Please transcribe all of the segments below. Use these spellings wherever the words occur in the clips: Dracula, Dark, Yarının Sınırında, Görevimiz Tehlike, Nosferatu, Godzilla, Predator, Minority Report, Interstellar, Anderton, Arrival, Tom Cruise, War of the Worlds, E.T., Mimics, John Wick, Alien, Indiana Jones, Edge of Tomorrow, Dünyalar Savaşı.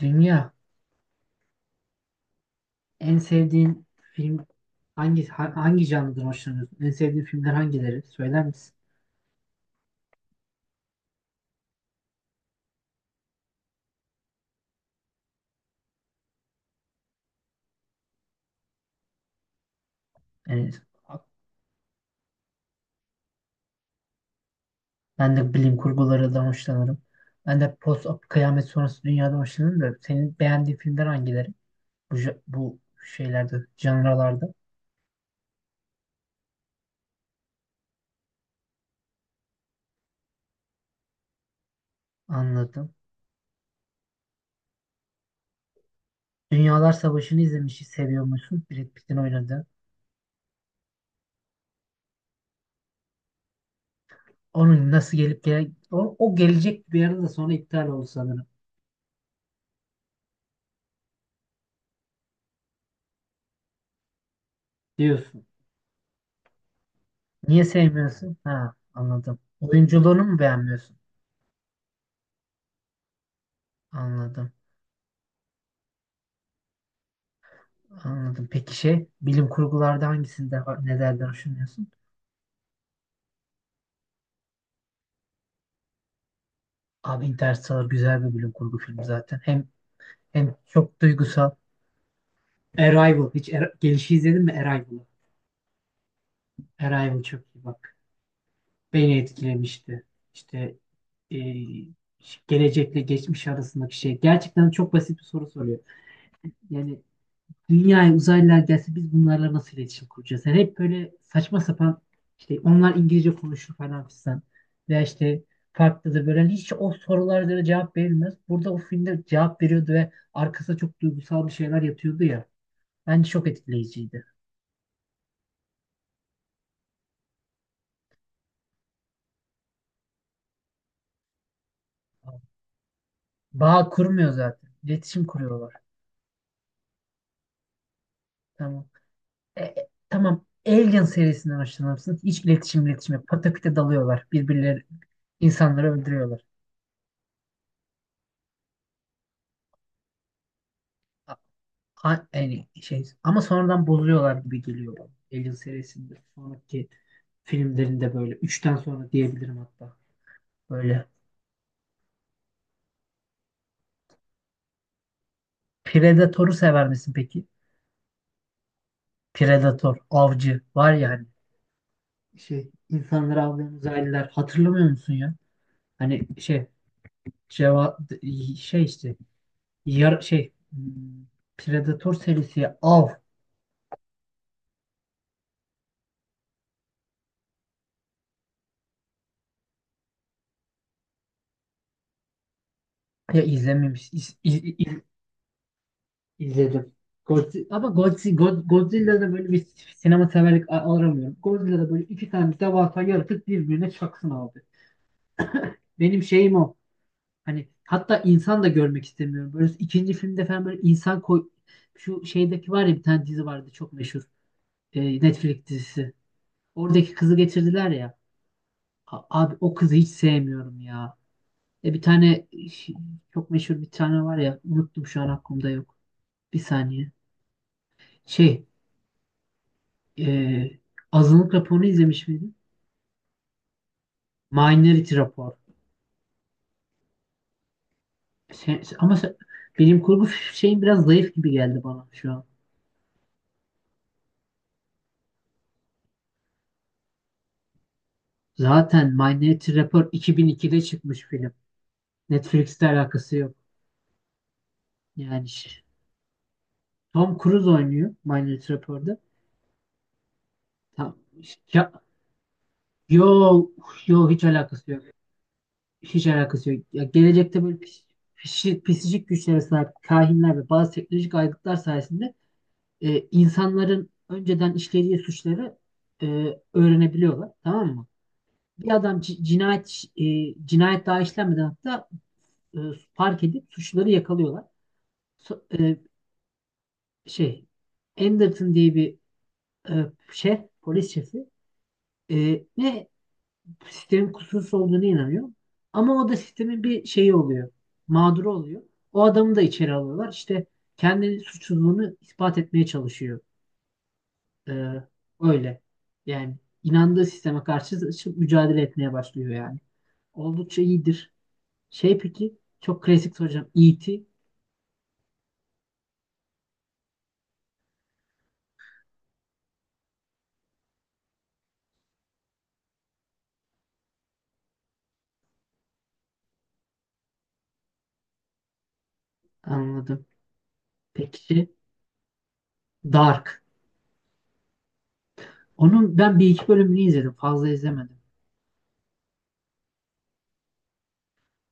Dünya en sevdiğin film hangi canlıdan hoşlanıyorsun? En sevdiğin filmler hangileri? Söyler misin? Yani ben de bilim kurgularından hoşlanırım. Ben de post kıyamet sonrası dünyadan hoşlanırım da senin beğendiğin filmler hangileri? Bu şeylerde, canralarda anladım. Dünyalar Savaşı'nı izlemişi seviyor musun? Brad Pitt'in oynadığı. Onun nasıl gelip gele o gelecek bir arada sonra iptal oldu sanırım diyorsun. Niye sevmiyorsun? Ha anladım. Oyunculuğunu mu beğenmiyorsun? Anladım. Anladım. Peki şey bilim kurgularda hangisinde nelerden hoşlanıyorsun? Abi Interstellar güzel bir bilim kurgu filmi zaten. Hem çok duygusal. Arrival. Hiç gelişi izledin mi Arrival'ı? Arrival çok iyi bak. Beni etkilemişti. İşte e, gelecekle geçmiş arasındaki şey. Gerçekten çok basit bir soru soruyor. Yani dünyaya uzaylılar gelse biz bunlarla nasıl iletişim kuracağız? Yani hep böyle saçma sapan işte onlar İngilizce konuşur falan filan veya işte farklı da böyle hani hiç o sorulara göre cevap verilmez. Burada o filmde cevap veriyordu ve arkasında çok duygusal bir şeyler yatıyordu ya. Bence çok etkileyiciydi. Bağ kurmuyor zaten. İletişim kuruyorlar. Tamam. Tamam. Alien serisinden hoşlanır mısınız? Hiç iletişim yok. Pataküte dalıyorlar. Birbirleri insanları öldürüyorlar. Yani şey ama sonradan bozuyorlar gibi geliyor bana. Alien serisinde sonraki filmlerinde böyle üçten sonra diyebilirim hatta. Böyle Predator'u sever misin peki? Predator, avcı var ya hani şey insanları avlayan uzaylılar hatırlamıyor musun ya? Hani şey ceva şey işte yar şey hmm, Predator serisi av ya izlememiş. İzledim. Godzilla'da böyle bir sinema severlik aramıyorum. Godzilla'da böyle iki tane devasa yaratık birbirine çaksın abi. Benim şeyim o. Hani hatta insan da görmek istemiyorum. Böyle ikinci filmde falan böyle insan koy... Şu şeydeki var ya bir tane dizi vardı çok meşhur. Netflix dizisi. Oradaki kızı getirdiler ya. Abi o kızı hiç sevmiyorum ya. E bir tane ş- Çok meşhur bir tane var ya. Unuttum şu an aklımda yok. Bir saniye. Şey. e, Azınlık raporunu izlemiş miydin? Minority rapor. Sen- sen- ama sen- Bilim kurgu şeyin biraz zayıf gibi geldi bana şu an. Zaten Minority Report 2002'de çıkmış film. Netflix'te alakası yok. Yani ş- Tom Cruise oynuyor Minority Report'ta. Tam, ya, yo, Yo hiç alakası yok. Hiç alakası yok. Ya, gelecekte böyle pisicik güçlere sahip kahinler ve bazı teknolojik aygıtlar sayesinde insanların önceden işlediği suçları e, öğrenebiliyorlar. Tamam mı? Bir adam cinayet cinayet daha işlenmeden hatta e, fark edip suçluları yakalıyorlar. So- e, Şey Anderton diye bir e, şef, polis şefi e, ne sistemin kusursuz olduğuna inanıyor. Ama o da sistemin bir şeyi oluyor. Mağduru oluyor. O adamı da içeri alıyorlar. İşte kendi suçluluğunu ispat etmeye çalışıyor. Ee, Öyle. Yani inandığı sisteme karşı mücadele etmeye başlıyor yani. Oldukça iyidir. Şey peki çok klasik soracağım. E.T. anladım. Peki Dark. Onun ben bir iki bölümünü izledim. Fazla izlemedim.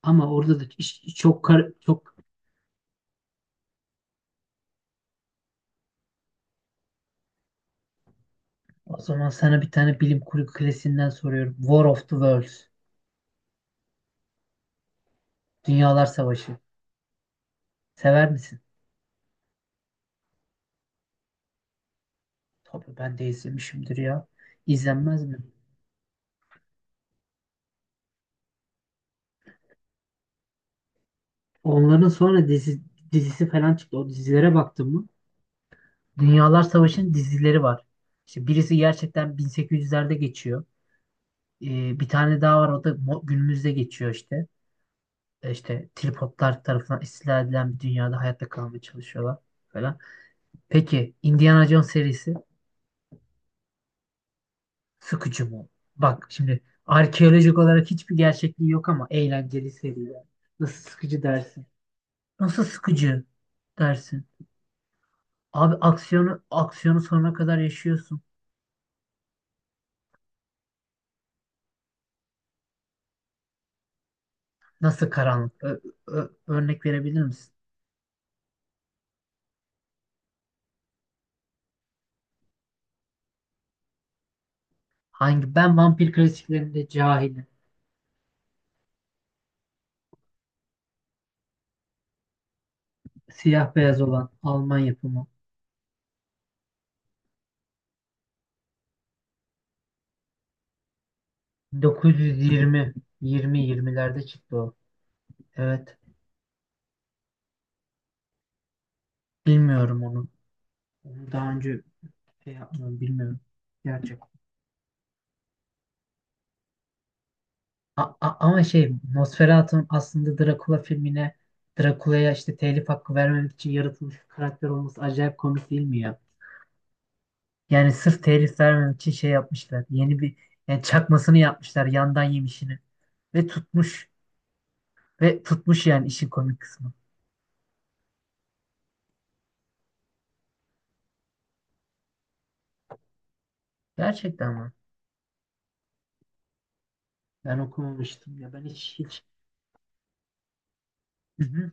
Ama orada da çok o zaman sana bir tane bilim kurgu klasiğinden soruyorum. War of the Worlds. Dünyalar Savaşı. Sever misin? Tabii ben de izlemişimdir ya. İzlenmez mi? Onların sonra dizisi falan çıktı. O dizilere baktın mı? Dünyalar Savaşı'nın dizileri var. İşte birisi gerçekten 1800'lerde geçiyor. Bir tane daha var o da günümüzde geçiyor işte. İşte tripodlar tarafından istila edilen bir dünyada hayatta kalmaya çalışıyorlar falan. Peki Indiana Jones serisi sıkıcı mı? Bak şimdi arkeolojik olarak hiçbir gerçekliği yok ama eğlenceli seri yani. Nasıl sıkıcı dersin? Nasıl sıkıcı dersin? Abi aksiyonu sonuna kadar yaşıyorsun. Nasıl karanlık? Örnek verebilir misin? Hangi? Ben vampir klasiklerinde cahilim. Siyah beyaz olan Alman yapımı. 920 20-20'lerde çıktı o. Evet. Bilmiyorum onu. Onu daha önce şey yapmadım. Bilmiyorum. Gerçek. Ama şey Nosferatu'nun aslında Dracula filmine Dracula'ya işte telif hakkı vermemek için yaratılmış bir karakter olması acayip komik değil mi ya? Yani sırf telif vermemek için şey yapmışlar. Yeni bir yani çakmasını yapmışlar yandan yemişini. Ve tutmuş. Ve tutmuş yani işin komik kısmı. Gerçekten mi? Ben okumamıştım ya ben hiç. Hı hı.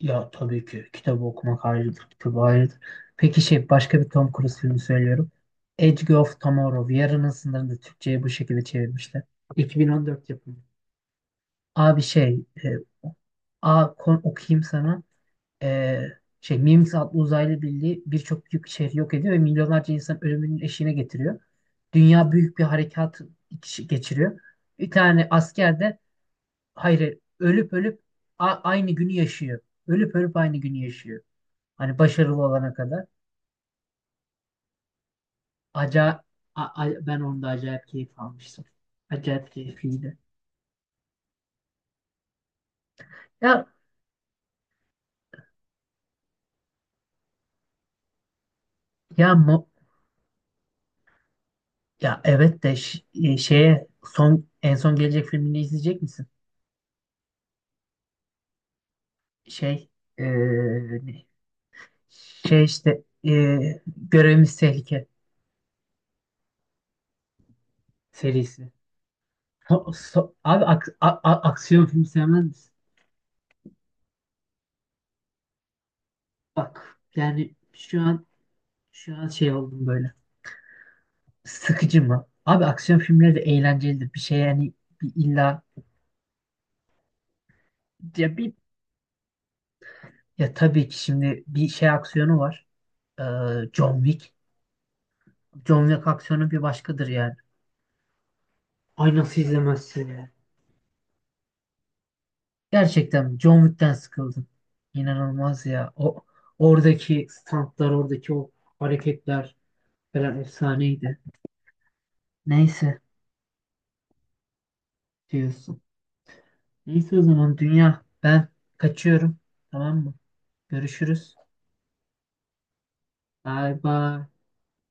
Ya tabii ki kitabı okumak ayrıdır, kitabı ayrıdır. Peki şey başka bir Tom Cruise filmi söylüyorum. Edge of Tomorrow, Yarının Sınırında Türkçe'ye bu şekilde çevirmişler. 2014 yapımı. Abi şey, e, a, kon, Okuyayım sana. E, Mimics adlı uzaylı birliği birçok büyük şehri yok ediyor ve milyonlarca insan ölümünün eşiğine getiriyor. Dünya büyük bir harekat geçiriyor. Bir tane asker de hayır aynı günü yaşıyor. Ölüp ölüp aynı günü yaşıyor. Hani başarılı olana kadar. Aca Ben onda acayip keyif almıştım. Acayip keyifliydi. Ya ya mo- evet de şeye son en son gelecek filmini izleyecek misin? Şey e, ne- şey işte e, Görevimiz Tehlike serisi. So- so- abi ak- a- a- Aksiyon filmi sevmez misin? Bak yani şu an şey oldum böyle. Sıkıcı mı? Abi aksiyon filmleri de eğlencelidir. Bir şey yani bir illa ya bir ya Tabii ki şimdi bir şey aksiyonu var. Ee, John Wick. John Wick aksiyonu bir başkadır yani. Ay nasıl izlemezsin ya? Gerçekten John Wick'ten sıkıldım. İnanılmaz ya. O oradaki stuntlar, oradaki o hareketler falan efsaneydi. Neyse diyorsun. Neyse o zaman dünya ben kaçıyorum. Tamam mı? Görüşürüz. Bay bay.